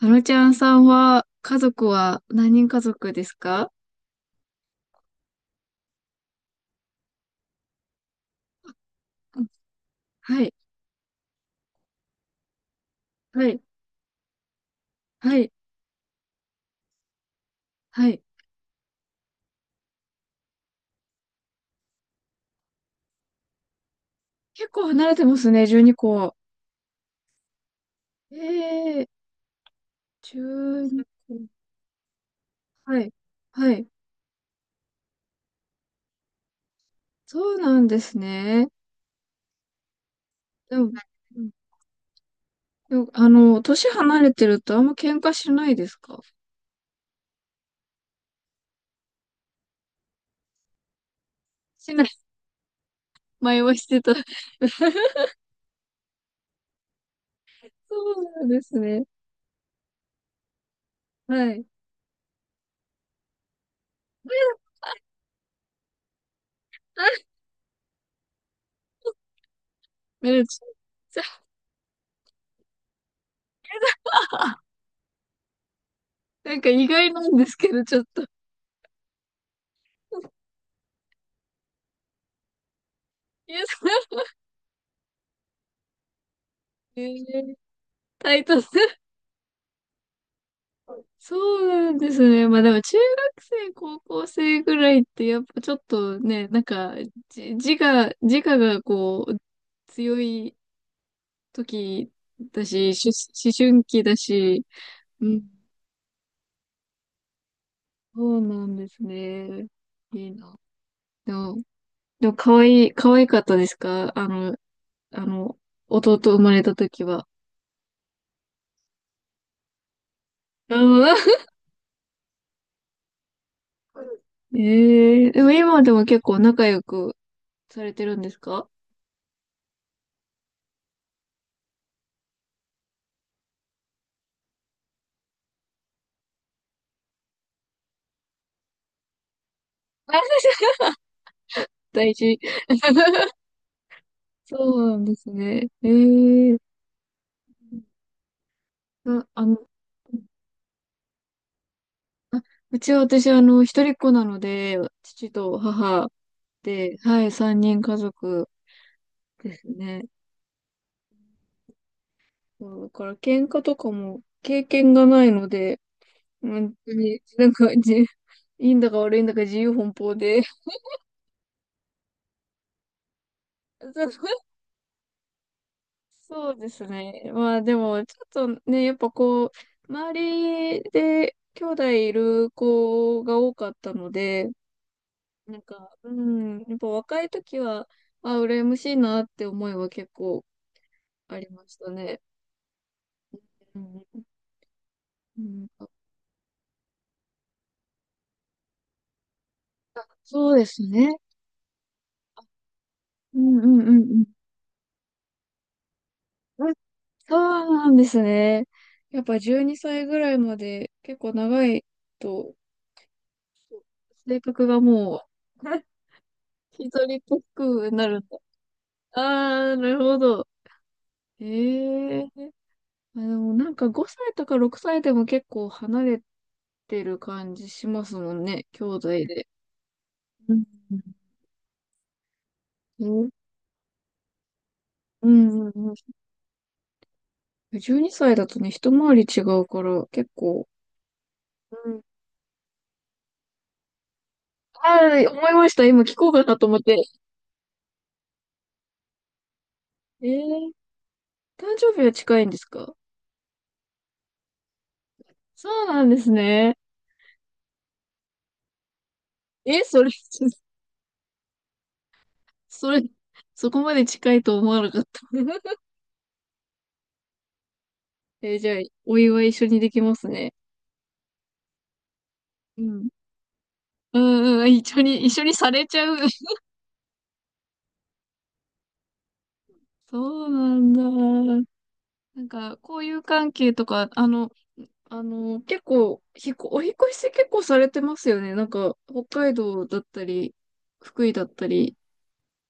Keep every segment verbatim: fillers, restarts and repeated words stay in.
あのちゃんさんは、家族は何人家族ですか？うん。はい、はい、はい、はい。結構離れてますね、じゅうにこ。ええ、じゅうにこ。はい、はい。そうなんですね。でも、うん、でも、あの、年離れてるとあんま喧嘩しないですか？しない。前はしてた。そうなんですね。はい。めるちゃん、なんか意外なんですけど、ちょっと。いや、そう、えー、タイト。そうなんですね。まあでも中学生、高校生ぐらいってやっぱちょっとね、なんかじ自我、自我がこう強い時だし、し思春期だし、うん、そうなんですね。いいな。でも、でも可愛い、可愛かったですか？あの、あの、弟生まれた時は。うん。ええ、でも今でも結構仲良くされてるんですか？ 大事。そうなんですね。ええ、あ、あの、うちは私、あの、一人っ子なので、父と母で、はい、さんにん家族ですね。そうだから喧嘩とかも経験がないので、本当に、なんか、じ、いいんだか悪いんだか自由奔放で。そう、そうですね。まあでも、ちょっとね、やっぱこう、周りで兄弟いる子が多かったので、なんか、うん、やっぱ若い時は、あ、羨ましいなって思いは結構ありましたね。うんうん、そうですね。うんうんうんうん。うん、そうなんですね。やっぱじゅうにさいぐらいまで結構長いと、性格がもう、一人っぽくなるんだ。ああ、なるほど。ええ、あ、でもなんかごさいとかろくさいでも結構離れてる感じしますもんね、兄弟で。うんうんうんうんうん、じゅうにさいだとね、一回り違うから、結構。うん。あ、思いました。今聞こうかなと思って。えー、誕生日は近いんですか？そうなんですね。え、それ、それ、そこまで近いと思わなかった。えー、じゃあ、お祝い一緒にできますね。うん。うんうん、一緒に、一緒にされちゃう。そうなんだ。なんか、こういう関係とか、あの、あの、結構、ひこ、お引っ越し結構されてますよね。なんか、北海道だったり、福井だったり、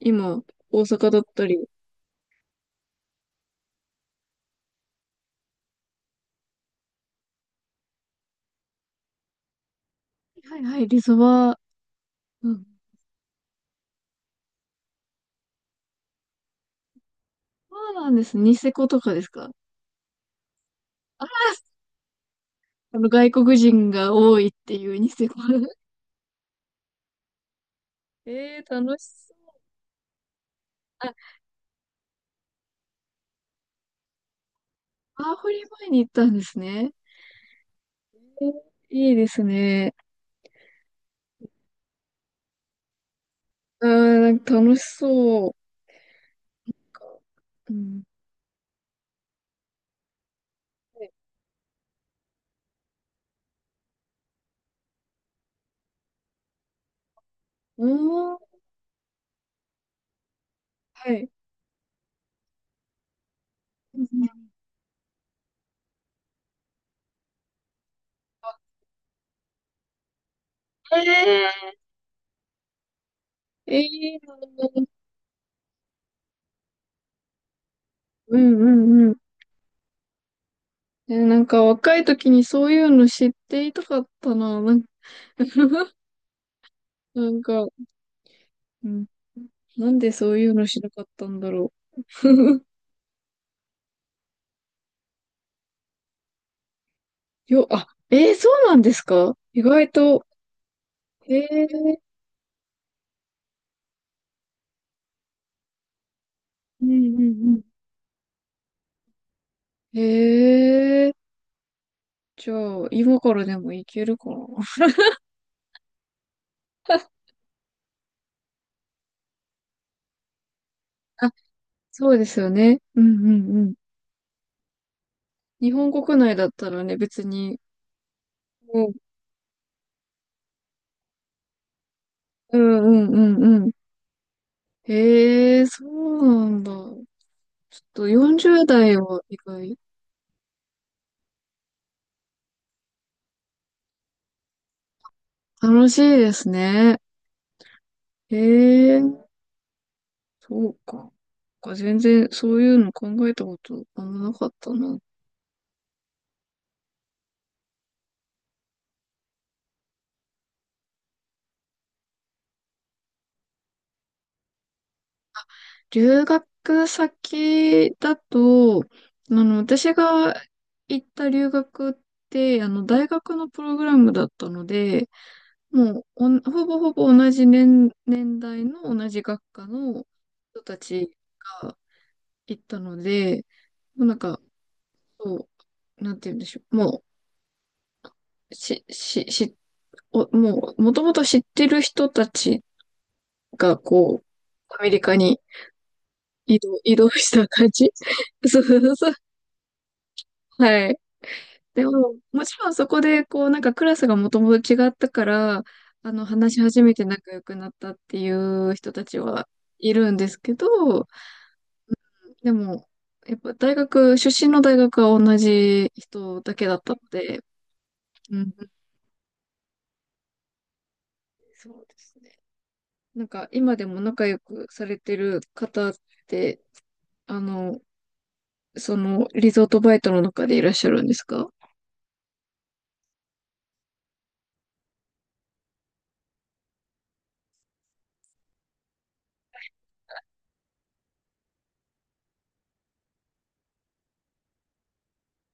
今、大阪だったり。はいはい、リゾバ。うん。そうなんです。ニセコとかですか？ああ、あの、外国人が多いっていうニセコ。ええー、楽しそう。あ、ワーホリ前に行ったんですね。えー、いいですね。あー、なんか楽しそう。うん。はい。おー、はい。うん、うえええ、うんうんうん。え、なんか若い時にそういうの知っていたかったな。なん、なんか、うん。なんでそういうのしなかったんだろう。よ、あ、えー、そうなんですか？意外と。ええ、うんうんうん。ええ、じゃあ、今からでもいけるかな。あ、そうですよね。うんうんうん。日本国内だったらね、別に。もうん、うんうんうんうん。ええ、そうなんだ。ちょっとよんじゅう代は意外、楽しいですね。へえ、そうか。なんか全然そういうの考えたことあんまなかったな。留学先だと、あの、私が行った留学って、あの、大学のプログラムだったので、もうおん、ほぼほぼ同じ年、年代の同じ学科の人たちが行ったので、もうなんか、そう、なんて言うんでしょう。もう、し、し、し、お、もう、もともと知ってる人たちが、こう、アメリカに移動、移動した感じ そうそうそう。はい。でも、もちろんそこで、こう、なんかクラスがもともと違ったから、あの、話し始めて仲良くなったっていう人たちはいるんですけど、でも、やっぱ大学、出身の大学は同じ人だけだったので、うん、そうですね。なんか今でも仲良くされてる方って、あの、その、リゾートバイトの中でいらっしゃるんですか？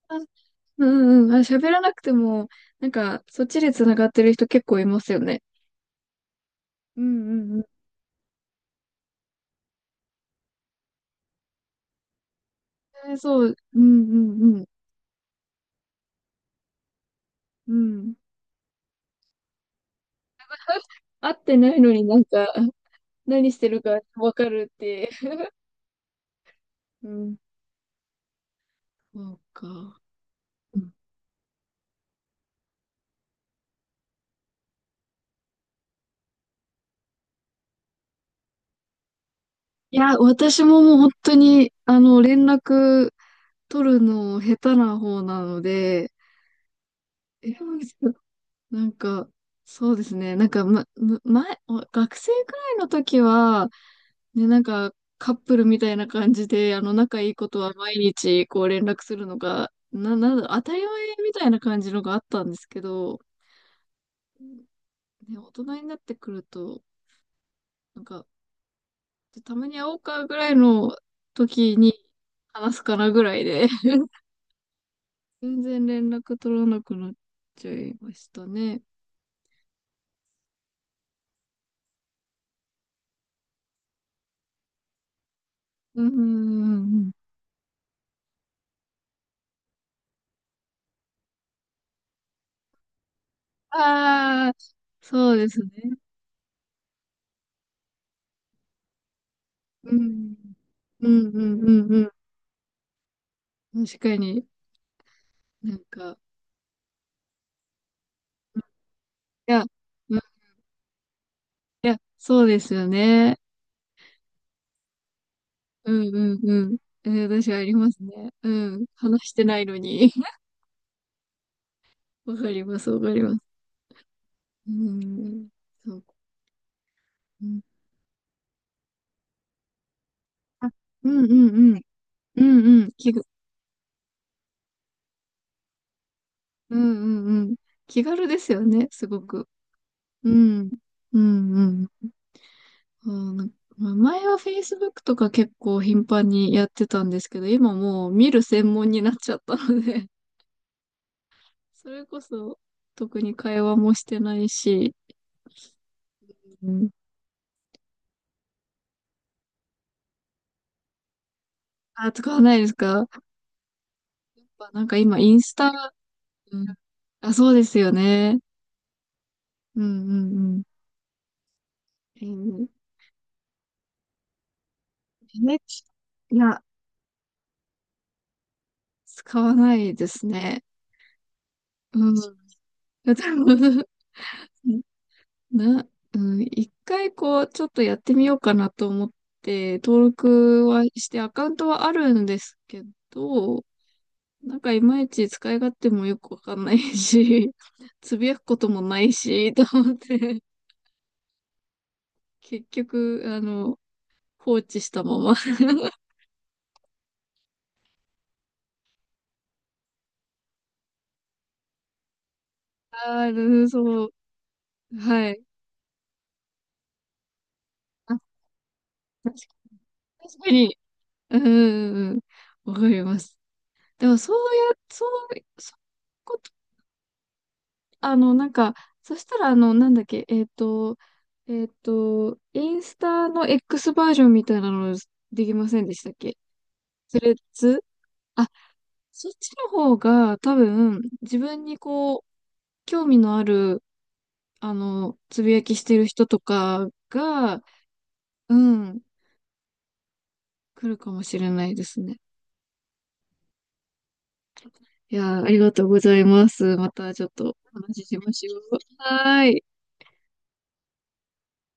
あ、うんうん。あ、喋らなくても、なんか、そっちで繋がってる人結構いますよね。うんうんうん。えー、そう、うんうんうん。うん。会ってないのになんか、何してるかわかるって。うん。そうか。うん。いや、私ももう本当に、あの、連絡取るの下手な方なので、えなんか、そうですね。なんか、ま、む前、お学生くらいの時は、ね、なんか、カップルみたいな感じで、あの、仲いいことは毎日、こう、連絡するのが、な、なんだ、当たり前みたいな感じのがあったんですけど、ね、大人になってくると、なんか、たまに会おうかぐらいの時に話すかなぐらいで、全然連絡取らなくなっちゃいましたね。うんうんうんうん。ああ、そうですね。うん。うんうんうんうん。確かに。なんか、いや、うん、いや、そうですよね。うんうんうん。えー、私はありますね。うん。話してないのに。わかります、わかります。うん。そうか。うん。あ、うんうんうん。うんうん。気が、うんうんうん。気軽ですよね、すごく。うん。うんうんうん、なんかまあ前は Facebook とか結構頻繁にやってたんですけど、今もう見る専門になっちゃったので、それこそ特に会話もしてないし、うん、あ、使わないですか？やっぱなんか今インスタ、うん、あ、そうですよね。うんうんうん。えー、 n いや、使わないですね。うん。うん、な、うん、一回こう、ちょっとやってみようかなと思って、登録はして、アカウントはあるんですけど、なんかいまいち使い勝手もよくわかんないし、つぶやくこともないし、と思って、結局、あの、放置したまま。ああ、そう。はい。あ、確かに。うんうんうん。わかります。でも、そうや、そう、そういうこあの、なんか、そしたら、あの、なんだっけ、えっと、えっと、インスタの X バージョンみたいなのできませんでしたっけ？スレッズ。あ、そっちの方が多分、自分にこう、興味のある、あの、つぶやきしてる人とかが、うん、来るかもしれないですね。いやー、ありがとうございます。またちょっとお話ししましょう。はーい。